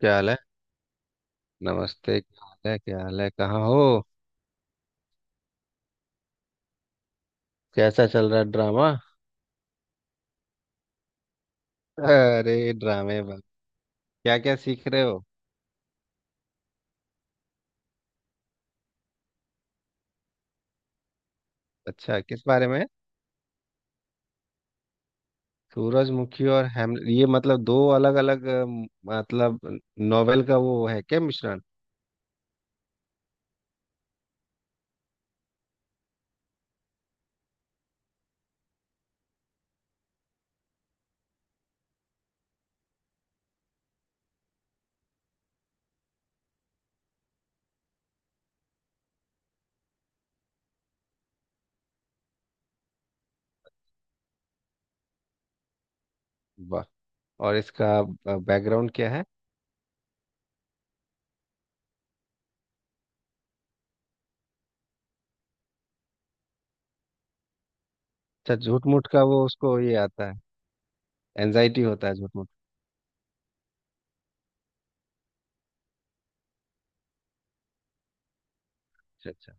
क्या हाल है नमस्ते, क्या हाल है? कहाँ हो? कैसा चल रहा है ड्रामा? अरे, ड्रामे बा क्या क्या सीख रहे हो? अच्छा, किस बारे में? सूरजमुखी और हेमलेट, ये मतलब दो अलग अलग, मतलब नोवेल का वो है क्या, मिश्रण? वाह। और इसका बैकग्राउंड क्या है? अच्छा, झूठ मूठ का वो उसको ये आता है? एनजाइटी होता है झूठ मूठ? अच्छा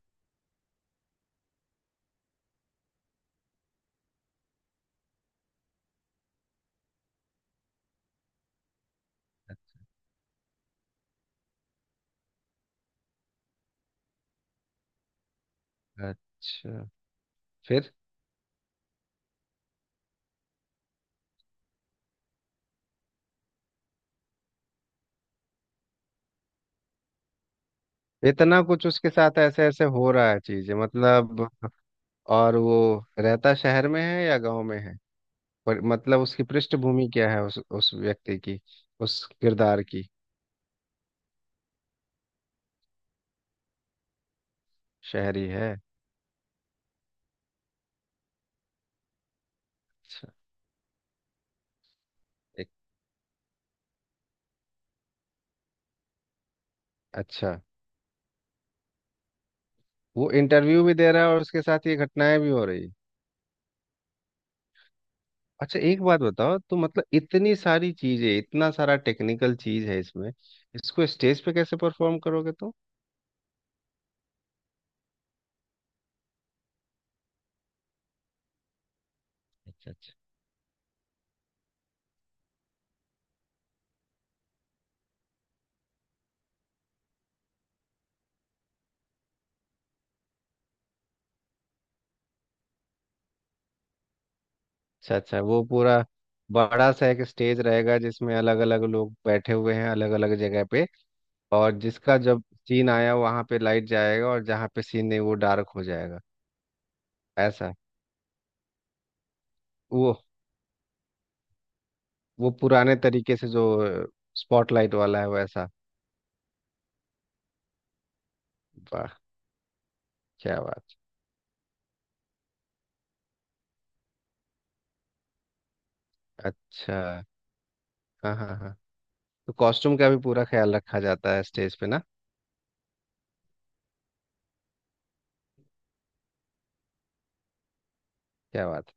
अच्छा। अच्छा। फिर? इतना कुछ उसके साथ ऐसे ऐसे हो रहा है चीजें, मतलब? और वो रहता शहर में है या गांव में है? पर मतलब उसकी पृष्ठभूमि क्या है, उस व्यक्ति की, उस किरदार की? शहरी है। अच्छा। एक। अच्छा। वो इंटरव्यू भी दे रहा है और उसके साथ ये घटनाएं भी हो रही है? अच्छा, एक बात बताओ तो, मतलब इतनी सारी चीजें, इतना सारा टेक्निकल चीज है इसमें, इसको स्टेज पे कैसे परफॉर्म करोगे तुम? अच्छा। अच्छा। अच्छा अच्छा, वो पूरा बड़ा सा एक स्टेज रहेगा जिसमें अलग अलग लोग बैठे हुए हैं अलग अलग जगह पे, और जिसका जब सीन आया वहां पे लाइट जाएगा और जहां पे सीन नहीं वो डार्क हो जाएगा, ऐसा? वो वो पुराने तरीके से जो स्पॉटलाइट वाला है, वैसा। वाह। क्या बात। अच्छा। हाँ हाँ हाँ, तो कॉस्ट्यूम का भी पूरा ख्याल रखा जाता है स्टेज पे ना। क्या बात।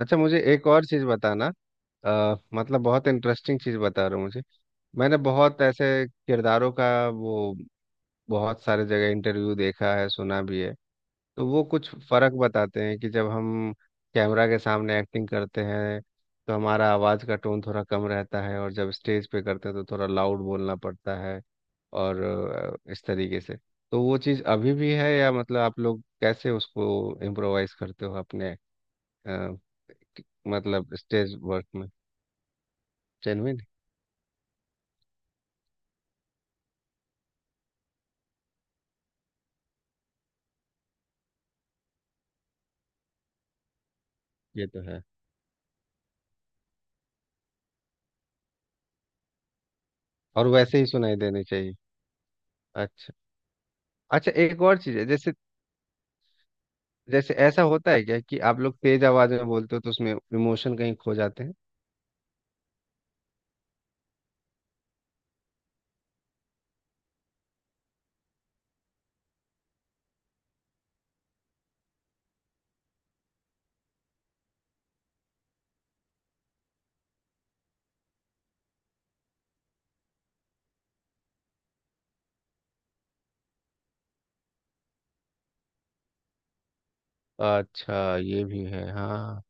अच्छा, मुझे एक और चीज़ बताना। मतलब बहुत इंटरेस्टिंग चीज़ बता रहे हो मुझे। मैंने बहुत ऐसे किरदारों का वो, बहुत सारे जगह इंटरव्यू देखा है, सुना भी है। तो वो कुछ फर्क बताते हैं कि जब हम कैमरा के सामने एक्टिंग करते हैं तो हमारा आवाज़ का टोन थोड़ा कम रहता है, और जब स्टेज पे करते हैं तो थोड़ा लाउड बोलना पड़ता है। और इस तरीके से, तो वो चीज़ अभी भी है, या मतलब आप लोग कैसे उसको इम्प्रोवाइज करते हो अपने? अ, मतलब स्टेज वर्क में। जेनविन। ये तो है। और वैसे ही सुनाई देनी चाहिए। अच्छा। अच्छा, एक और चीज़ है, जैसे, जैसे ऐसा होता है क्या कि आप लोग तेज आवाज में बोलते हो तो उसमें इमोशन कहीं खो जाते हैं? अच्छा, ये भी है हाँ।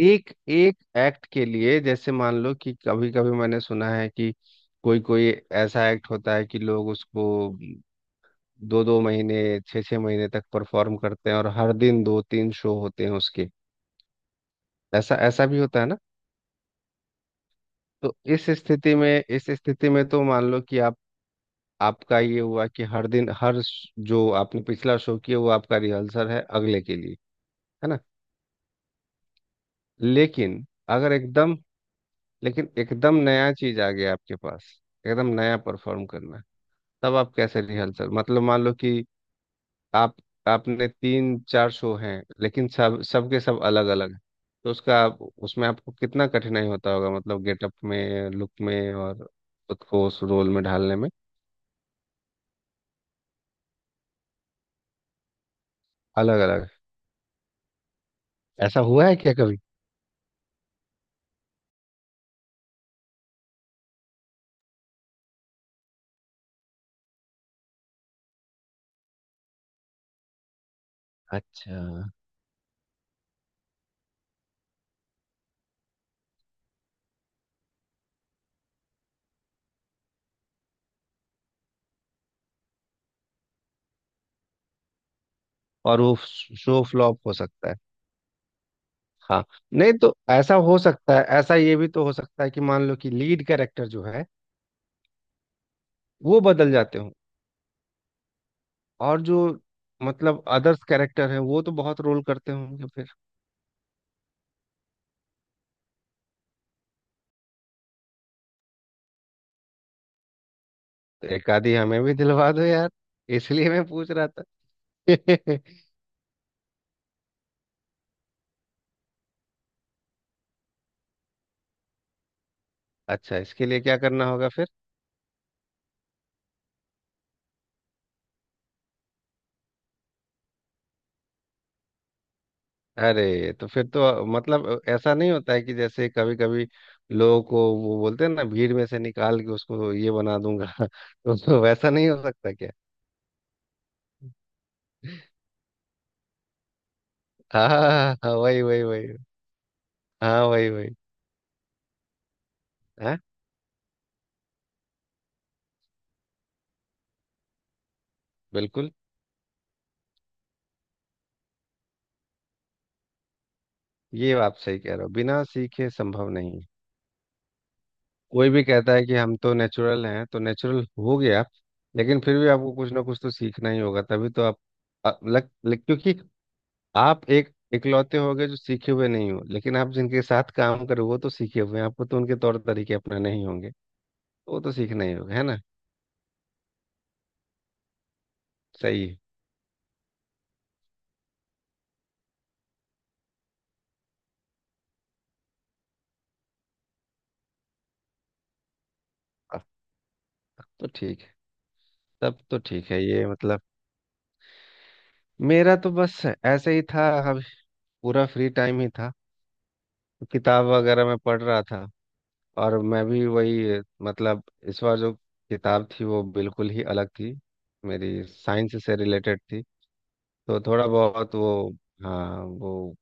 एक एक एक्ट के लिए जैसे, मान लो कि, कभी कभी मैंने सुना है कि कोई कोई ऐसा एक्ट होता है कि लोग उसको दो दो महीने, छः छः महीने तक परफॉर्म करते हैं, और हर दिन दो तीन शो होते हैं उसके। ऐसा ऐसा भी होता है ना? तो इस स्थिति में, इस स्थिति में तो मान लो कि आप, आपका ये हुआ कि हर दिन, जो आपने पिछला शो किया वो आपका रिहर्सल है अगले के लिए, है ना? लेकिन अगर एकदम लेकिन एकदम नया चीज आ गया आपके पास, एकदम नया परफॉर्म करना है, तब आप कैसे रिहर्सल, मतलब मान लो कि आप आपने तीन चार शो हैं लेकिन सब सबके सब अलग अलग हैं, तो उसमें आपको कितना कठिनाई होता होगा, मतलब गेटअप में, लुक में, और खुद को उस रोल में ढालने में। अलग अलग। ऐसा हुआ है क्या कभी? अच्छा। और वो शो फ्लॉप हो सकता है? हाँ, नहीं तो ऐसा हो सकता है, ऐसा ये भी तो हो सकता है कि मान लो कि लीड कैरेक्टर जो है वो बदल जाते हो, और जो मतलब अदर्स कैरेक्टर है वो तो बहुत रोल करते होंगे फिर। तो एक आधी हमें भी दिलवा दो यार, इसलिए मैं पूछ रहा था। अच्छा, इसके लिए क्या करना होगा फिर? अरे तो फिर तो मतलब ऐसा नहीं होता है कि जैसे कभी कभी लोगों को वो बोलते हैं ना, भीड़ में से निकाल के उसको ये बना दूंगा, तो वैसा नहीं हो सकता क्या? हाँ हाँ हाँ, हाँ, हाँ, वही वही वही। हाँ, वही वही। हाँ बिल्कुल, ये आप सही कह रहे हो, बिना सीखे संभव नहीं है। कोई भी कहता है कि हम तो नेचुरल हैं तो नेचुरल हो गया, लेकिन फिर भी आपको कुछ ना कुछ तो सीखना ही होगा, तभी तो आप, क्योंकि आप एक इकलौते होगे जो सीखे हुए नहीं हो, लेकिन आप जिनके साथ काम करो वो तो सीखे हुए हैं, आपको तो उनके तौर तरीके अपनाने ही होंगे। तो वो तो सीखना ही होगा, है ना? सही है। अब तो ठीक है। तब तो ठीक है। ये मतलब मेरा तो बस ऐसे ही था अभी, पूरा फ्री टाइम ही था, तो किताब वगैरह मैं पढ़ रहा था। और मैं भी वही, मतलब इस बार जो किताब थी वो बिल्कुल ही अलग थी मेरी, साइंस से रिलेटेड थी, तो थोड़ा बहुत वो। हाँ वो,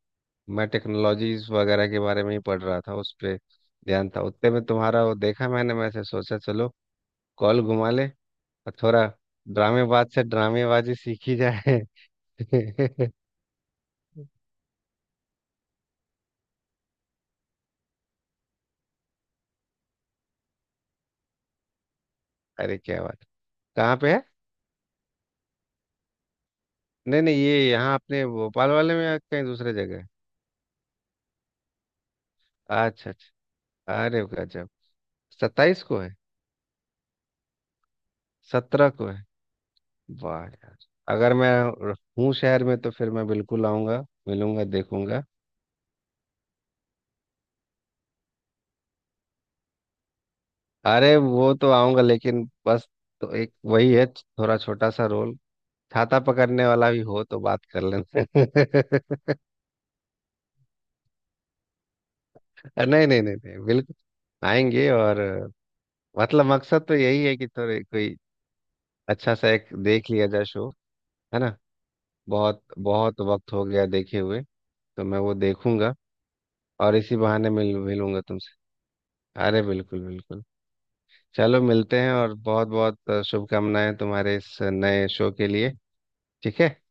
मैं टेक्नोलॉजीज वगैरह के बारे में ही पढ़ रहा था, उस पे ध्यान था। उतने में तुम्हारा वो देखा मैंने, मैं से सोचा चलो कॉल घुमा ले और थोड़ा ड्रामेबाज से ड्रामेबाजी सीखी जाए। अरे क्या बात। कहाँ पे है? नहीं नहीं, ये यहाँ अपने भोपाल वाले में या कहीं दूसरे जगह है? अच्छा। अच्छा अरे, गजब। 27 को है? 17 को है। वाह यार। अगर मैं हूँ शहर में तो फिर मैं बिल्कुल आऊंगा, मिलूंगा, देखूंगा। अरे वो तो आऊंगा, लेकिन बस तो एक वही है, थोड़ा छोटा सा रोल, छाता पकड़ने वाला भी हो तो बात कर लेना। नहीं नहीं नहीं नहीं, बिल्कुल आएंगे। और मतलब मकसद तो यही है कि थोड़े कोई अच्छा सा एक देख लिया जाए शो, है ना? बहुत बहुत वक्त हो गया देखे हुए, तो मैं वो देखूंगा। और इसी बहाने मिलूंगा तुमसे। अरे बिल्कुल बिल्कुल। चलो मिलते हैं, और बहुत बहुत शुभकामनाएं तुम्हारे इस नए शो के लिए। ठीक है।